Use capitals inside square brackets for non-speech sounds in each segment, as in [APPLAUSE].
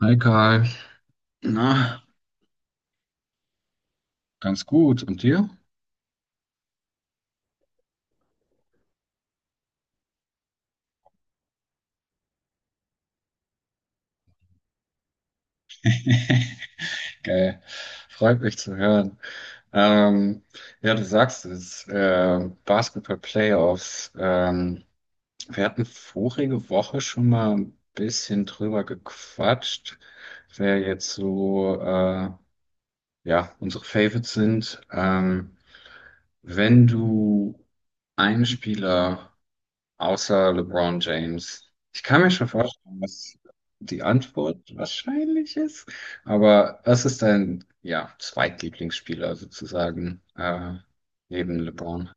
Hi Karl. Na, ganz gut. Und dir? [LAUGHS] Geil. Freut mich zu hören. Ähm, ja, du sagst es, Basketball-Playoffs. Wir hatten vorige Woche schon mal ein bisschen drüber gequatscht, wer jetzt so, ja, unsere Favorites sind. Wenn du einen Spieler außer LeBron James. Ich kann mir schon vorstellen, was die Antwort wahrscheinlich ist, aber was ist dein, ja, Zweitlieblingsspieler sozusagen, neben LeBron?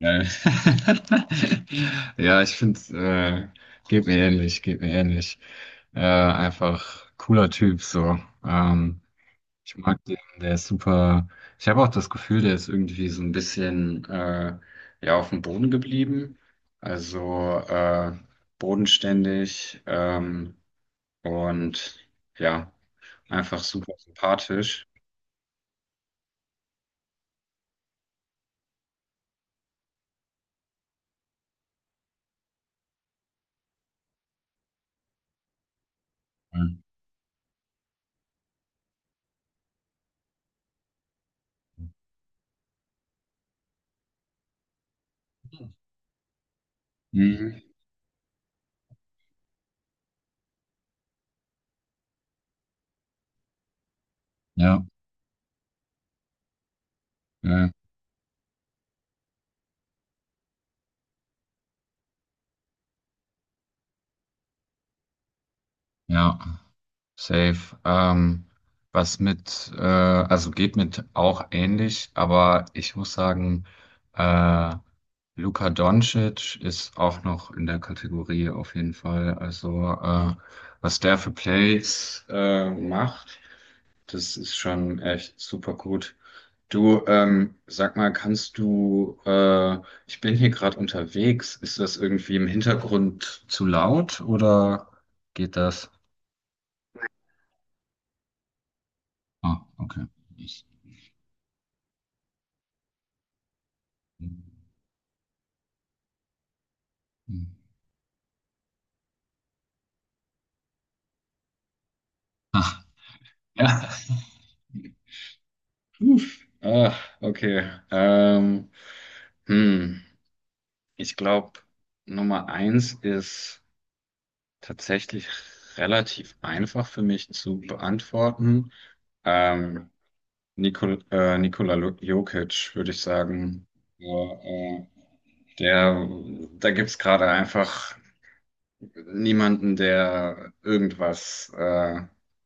Äh, [LAUGHS] Ja, ich finde, geht mir ähnlich, geht mir ähnlich. Einfach cooler Typ so. Ähm, Ich mag den, der ist super. Ich habe auch das Gefühl, der ist irgendwie so ein bisschen ja, auf dem Boden geblieben. Also bodenständig, und ja, einfach super sympathisch. Mhm. Mhm. Ja, ja, ja. Safe. Was mit, also geht mit auch ähnlich, aber ich muss sagen, äh, Luka Doncic ist auch noch in der Kategorie auf jeden Fall. Also was der für Plays macht, das ist schon echt super gut. Du, sag mal, kannst du, ich bin hier gerade unterwegs, ist das irgendwie im Hintergrund zu laut oder geht das? Ah, okay. Hm. Ah, ja. Puh. Ah, okay. Hm. Ich glaube, Nummer eins ist tatsächlich relativ einfach für mich zu beantworten. Ähm, Nikola Jokic, würde ich sagen. Ja, der, da gibt's gerade einfach niemanden, der irgendwas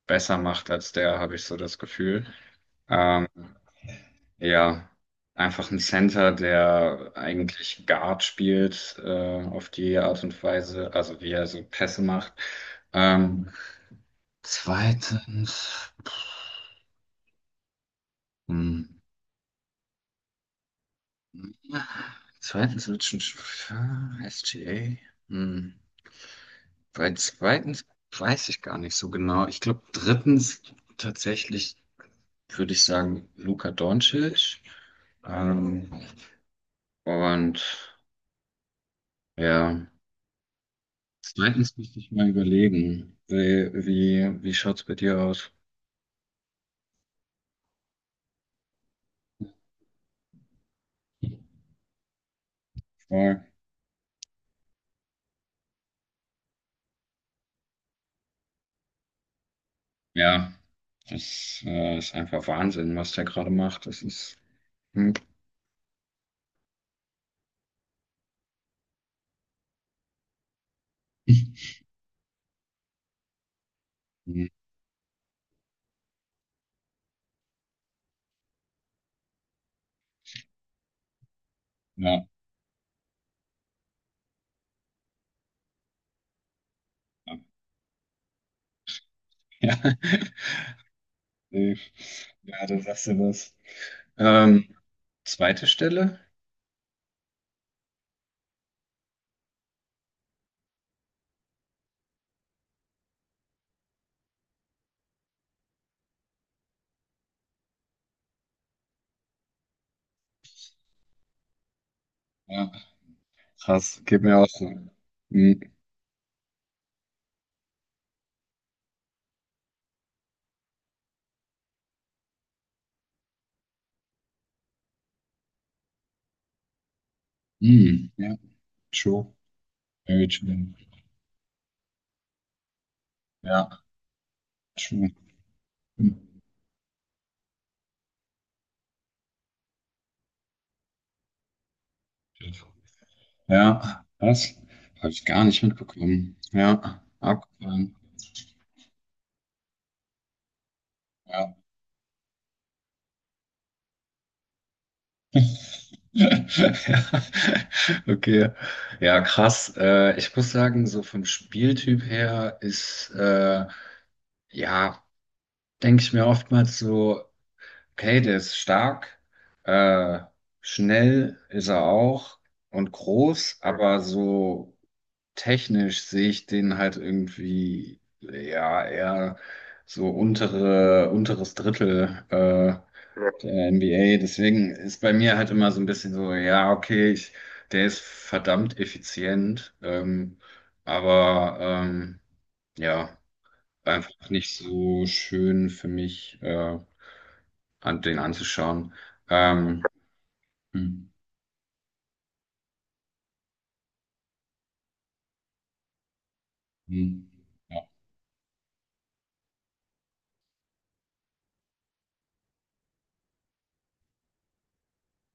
besser macht als der, habe ich so das Gefühl. Ähm, Ja, einfach ein Center, der eigentlich Guard spielt, auf die Art und Weise, also wie er so Pässe macht. Ähm, Zweitens, hm, zweitens wird schon ah, SGA. Hm, bei zweitens weiß ich gar nicht so genau. Ich glaube, drittens tatsächlich würde ich sagen Luka Doncic. Ähm, und ja. Zweitens müsste ich mal überlegen, wie schaut's bei dir aus? Voll. Ja, das ist einfach Wahnsinn, was der gerade macht. Das ist. Hm. [LAUGHS] Hm. Ja. Ja. [LAUGHS] Nee. Ja, da sagst du was. Ähm, Zweite Stelle? Ja, krass, geht mir auch so. Hm. Hm. Ja, true. Very true. Ja, true. Hm. Ja, was? Habe ich gar nicht mitbekommen. Ja, abgefahren. Ja. [LAUGHS] Ja. Okay. Ja, krass. Ich muss sagen, so vom Spieltyp her ist, ja, denke ich mir oftmals so, okay, der ist stark, äh, schnell ist er auch und groß, aber so technisch sehe ich den halt irgendwie, ja, eher so unteres Drittel ja, der NBA. Deswegen ist bei mir halt immer so ein bisschen so, ja, okay, der ist verdammt effizient, aber ja, einfach nicht so schön für mich, an den anzuschauen. Ähm, hm, hm, ja.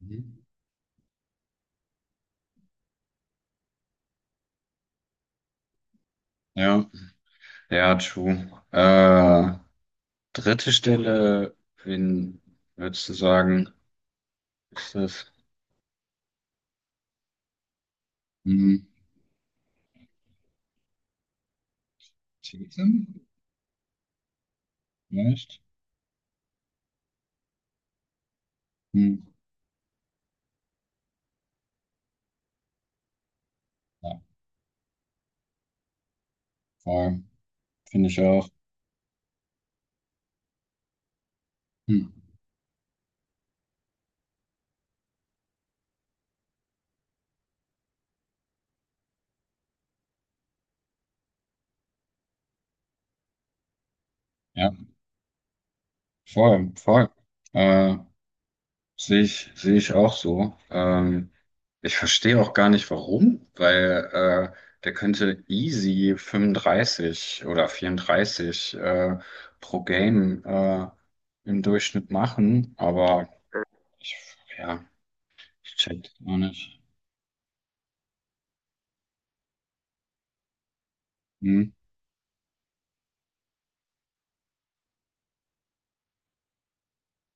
Mhm. Ja, ja, true. Dritte Stelle, wen würdest du sagen, ist das? Hm. Cheatham? Vielleicht? Hm. Ja, voll. Finde ich auch. Hm. Ja, voll, voll. Äh, sehe ich auch so. Ich verstehe auch gar nicht warum, weil der könnte easy 35 oder 34 pro Game im Durchschnitt machen, aber ich, ja, ich check auch nicht. Mhm.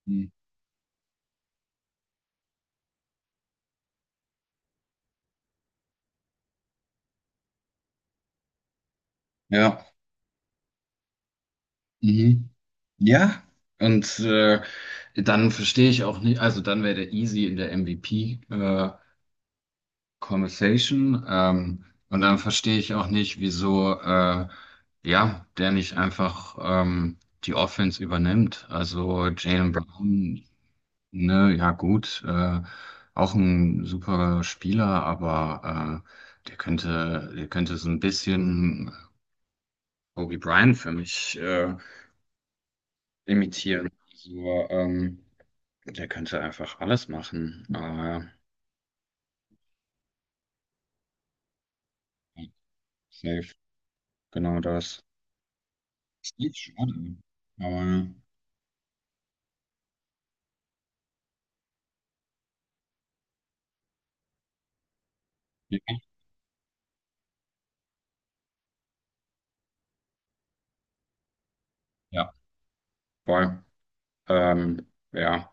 Mhm. Ja. Mhm. Ja. Und dann verstehe ich auch nicht, also dann wäre der easy in der MVP Conversation. Und dann verstehe ich auch nicht, wieso ja, der nicht einfach die Offense übernimmt. Also Jaylen Brown, ne, ja gut, auch ein super Spieler, aber der könnte so ein bisschen Kobe Bryant für mich. Imitieren. Also der könnte einfach alles machen, aber safe, genau das. Ist echt schade. Aber ja, ja, voll. Ähm, ja.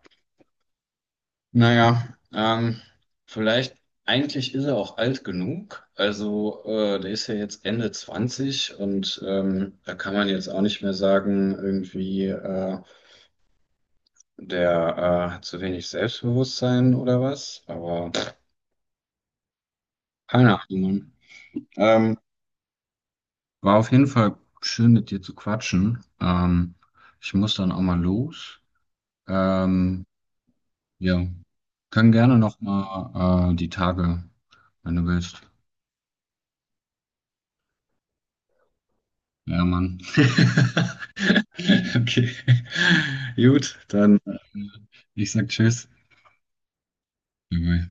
Naja, vielleicht, eigentlich ist er auch alt genug. Also, der ist ja jetzt Ende 20 und da kann man jetzt auch nicht mehr sagen, irgendwie, der hat zu wenig Selbstbewusstsein oder was. Aber keine Ahnung. Mann. Ähm, War auf jeden Fall schön mit dir zu quatschen. Ich muss dann auch mal los. Ähm, ja, können gerne noch mal die Tage, wenn du willst. Ja, Mann. [LAUGHS] Okay. Gut, dann ich sag Tschüss. Bye-bye.